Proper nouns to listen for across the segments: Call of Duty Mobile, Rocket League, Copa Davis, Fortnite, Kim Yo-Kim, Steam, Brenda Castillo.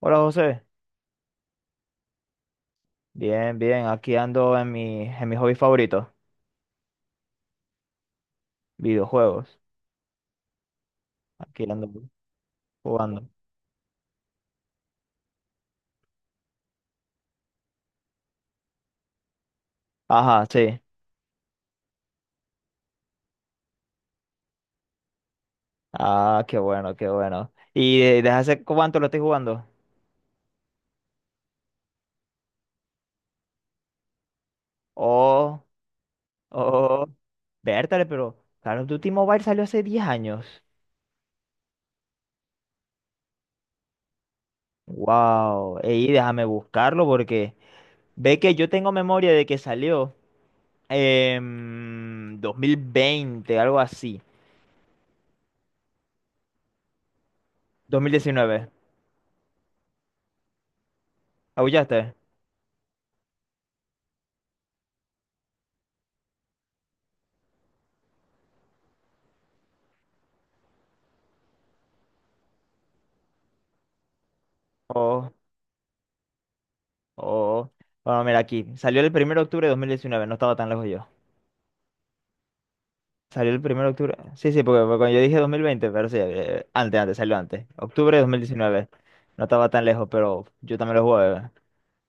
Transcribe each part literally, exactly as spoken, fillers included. Hola José, bien, bien, aquí ando en mi, en mi hobby favorito, videojuegos. Aquí ando jugando. Ajá, sí. Ah, qué bueno, qué bueno. ¿Y de- desde hace cuánto lo estoy jugando? Oh, oh, vértale, pero Call of Duty Mobile salió hace diez años. Wow, y déjame buscarlo porque ve que yo tengo memoria de que salió en dos mil veinte, algo así. Dos mil diecinueve. ¿Aullaste? Oh, bueno, mira aquí. Salió el primero de octubre de dos mil diecinueve. No estaba tan lejos yo. Salió el primero de octubre. Sí, sí, porque, porque cuando yo dije dos mil veinte, pero sí, eh, antes, antes, salió antes. Octubre de dos mil diecinueve. No estaba tan lejos, pero yo también lo jugué. eh.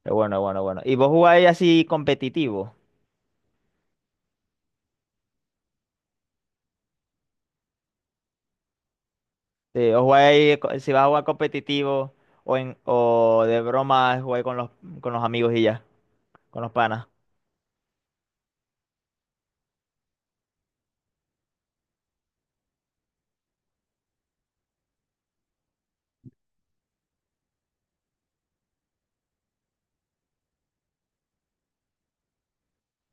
Es bueno, bueno, bueno. ¿Y vos jugáis así competitivo? Sí, o jugáis, co- si vas a jugar competitivo o, en, o de broma, jugáis con los, con los amigos y ya, con los panas.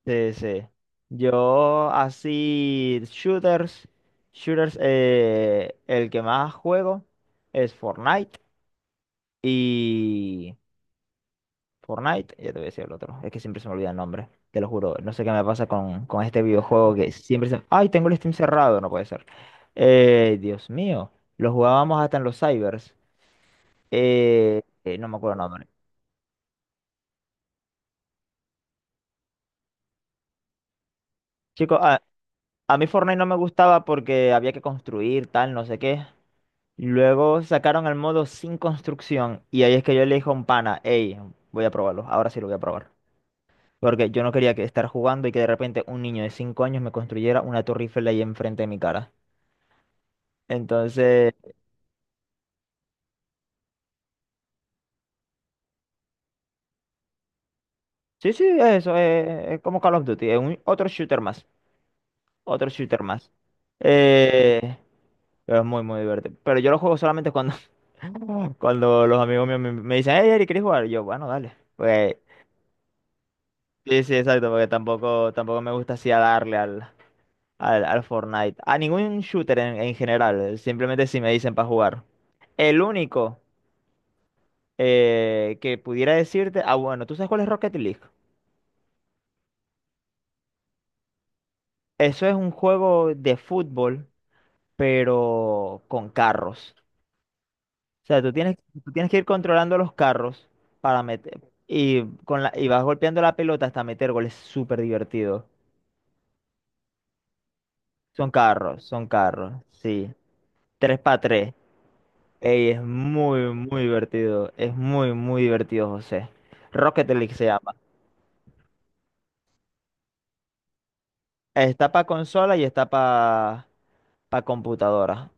Sí, sí. Yo así, shooters, shooters, eh, el que más juego es Fortnite y... Fortnite, ya te voy a decir el otro, es que siempre se me olvida el nombre, te lo juro, no sé qué me pasa con, con este videojuego que siempre se... ¡Ay, tengo el Steam cerrado! No puede ser. Eh, Dios mío, lo jugábamos hasta en los cybers. Eh, eh, no me acuerdo el nombre. Chicos, a, a mí Fortnite no me gustaba porque había que construir, tal, no sé qué. Luego sacaron el modo sin construcción y ahí es que yo le dije a un pana, hey, voy a probarlo, ahora sí lo voy a probar. Porque yo no quería que estar jugando y que de repente un niño de cinco años me construyera una torre Eiffel ahí enfrente de mi cara. Entonces, sí, sí, es eso, eh, es, como Call of Duty, es un, otro shooter más, otro shooter más. Eh, pero es muy, muy divertido. Pero yo lo juego solamente cuando, cuando los amigos míos me, me dicen, hey, Eric, ¿quieres jugar? Y yo, bueno, dale. Pues, sí, sí, exacto, porque tampoco, tampoco me gusta así a darle al... Al, al Fortnite. A ningún shooter en, en general. Simplemente si me dicen para jugar. El único eh, que pudiera decirte. Ah, bueno, ¿tú sabes cuál es Rocket League? Eso es un juego de fútbol, pero con carros. O sea, tú tienes, tú tienes que ir controlando los carros para meter. Y, con la, y vas golpeando la pelota hasta meter goles. Súper divertido. Son carros, son carros. Sí. Tres para tres. Ey, es muy, muy divertido. Es muy, muy divertido, José. Rocket League se llama. Está para consola y está para computadora.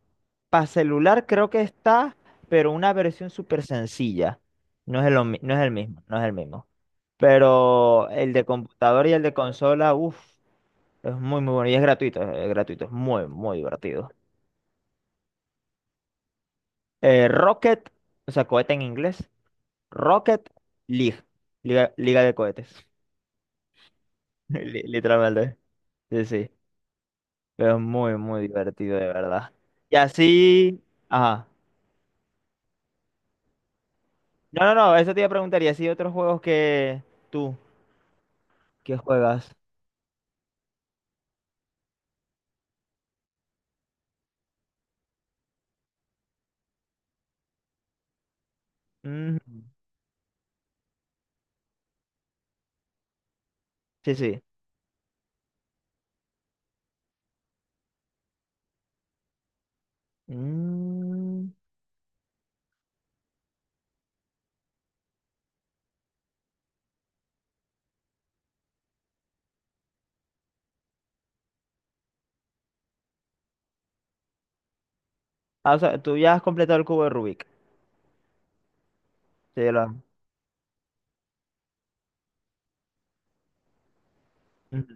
Para celular creo que está, pero una versión súper sencilla. No es el, omi- no es el mismo, no es el mismo. Pero el de computadora y el de consola, uff, es muy, muy bueno. Y es gratuito, es gratuito. Es muy, muy divertido. Eh, Rocket, o sea, cohete en inglés. Rocket League. Liga, Liga de cohetes. li- Literalmente. Sí, sí. Pero es muy, muy divertido, de verdad. Y así. Ajá. No, no, no, eso te iba a preguntar. Y así otros juegos que tú, que juegas. Mm, sí, sí. Mm. Ah, o sea, tú ya has completado el cubo de Rubik. Sí, ya lo has- Ujú.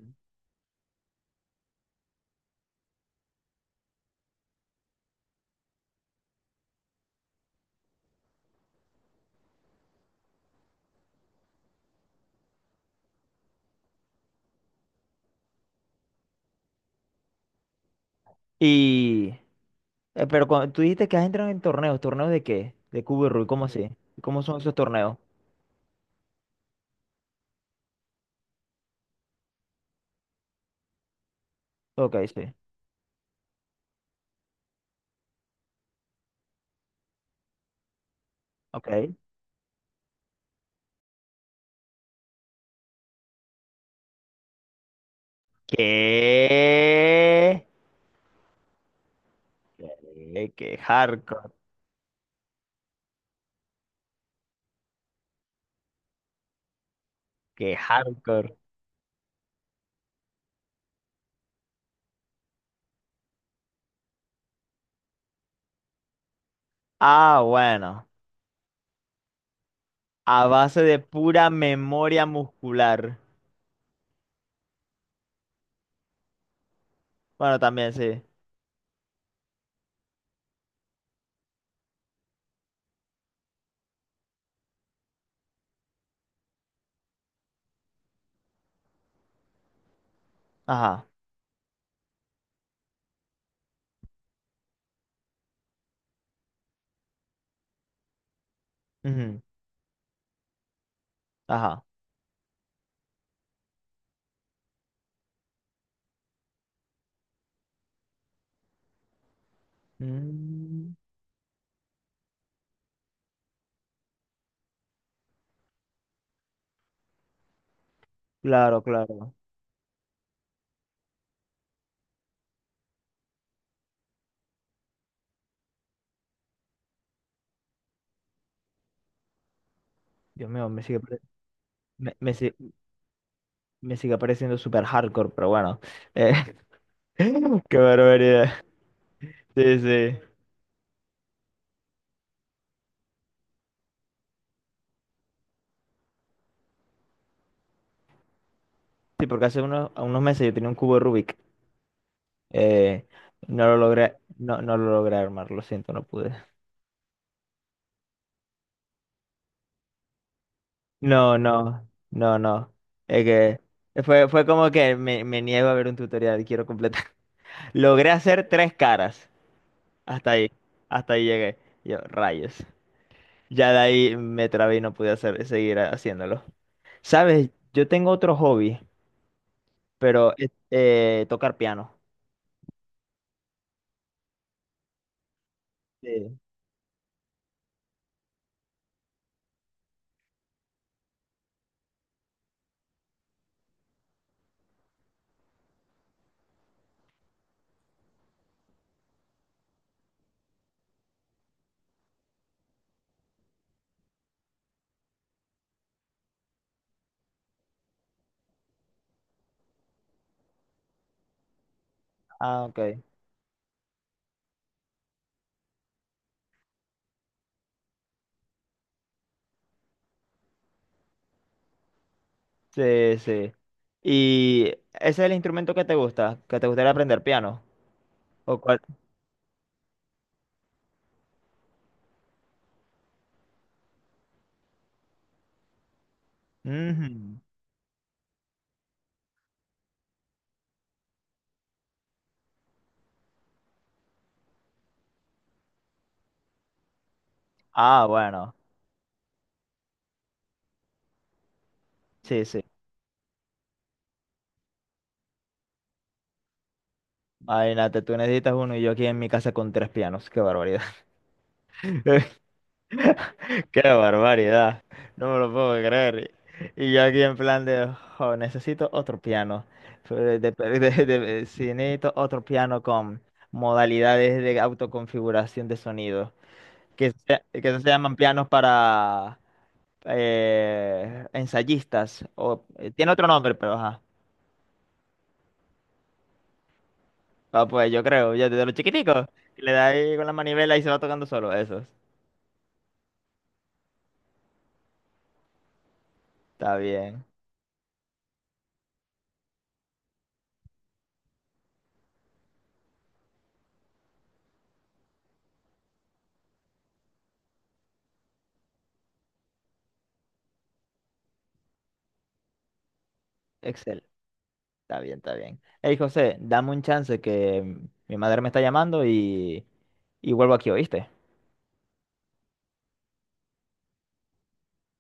Y. eh, pero cuando, tú dijiste que has entrado en torneos. ¿Torneos de qué? De cubo de Rubik. ¿Cómo así? ¿Cómo son esos torneos? Ok, sí. Ok. ¿Qué? Eh, qué hardcore. Qué hardcore. Ah, bueno. A base de pura memoria muscular. Bueno, también sí. Ajá. Ujú, ajá. Mm, claro, claro. Dios mío, me sigue, pare- me, me si- me sigue pareciendo súper hardcore, pero bueno. Eh, Qué barbaridad. Sí, sí. Sí, porque hace unos, unos meses yo tenía un cubo de Rubik. Eh, no lo logré, no, no lo logré armar, lo siento, no pude. No, no, no, no. Es que fue, fue como que me, me niego a ver un tutorial, quiero completar. Logré hacer tres caras. Hasta ahí, hasta ahí llegué. Yo, rayos. Ya de ahí me trabé y no pude hacer, seguir haciéndolo. ¿Sabes? Yo tengo otro hobby, pero es, eh, tocar piano. Sí. Ah, ok. Sí, sí. ¿Y ese es el instrumento que te gusta? ¿Que te gustaría aprender piano? ¿O cuál? Ujú. Ah, bueno. Sí, sí. Imagínate, tú necesitas uno y yo aquí en mi casa con tres pianos. Qué barbaridad. Qué barbaridad. No me lo puedo creer. Y yo aquí en plan de, "Jo, necesito otro piano. Fue de- de- de- de- sí, necesito otro piano con modalidades de autoconfiguración de sonido. Que se, que se llaman pianos para eh, ensayistas. O, eh, tiene otro nombre, pero ajá. Ah, pues yo creo, ya desde los chiquiticos, que le da ahí con la manivela y se va tocando solo. Eso. Está bien. Excel. Está bien, está bien. Hey, José, dame un chance que mm, mi madre me está llamando y, y vuelvo aquí, ¿oíste?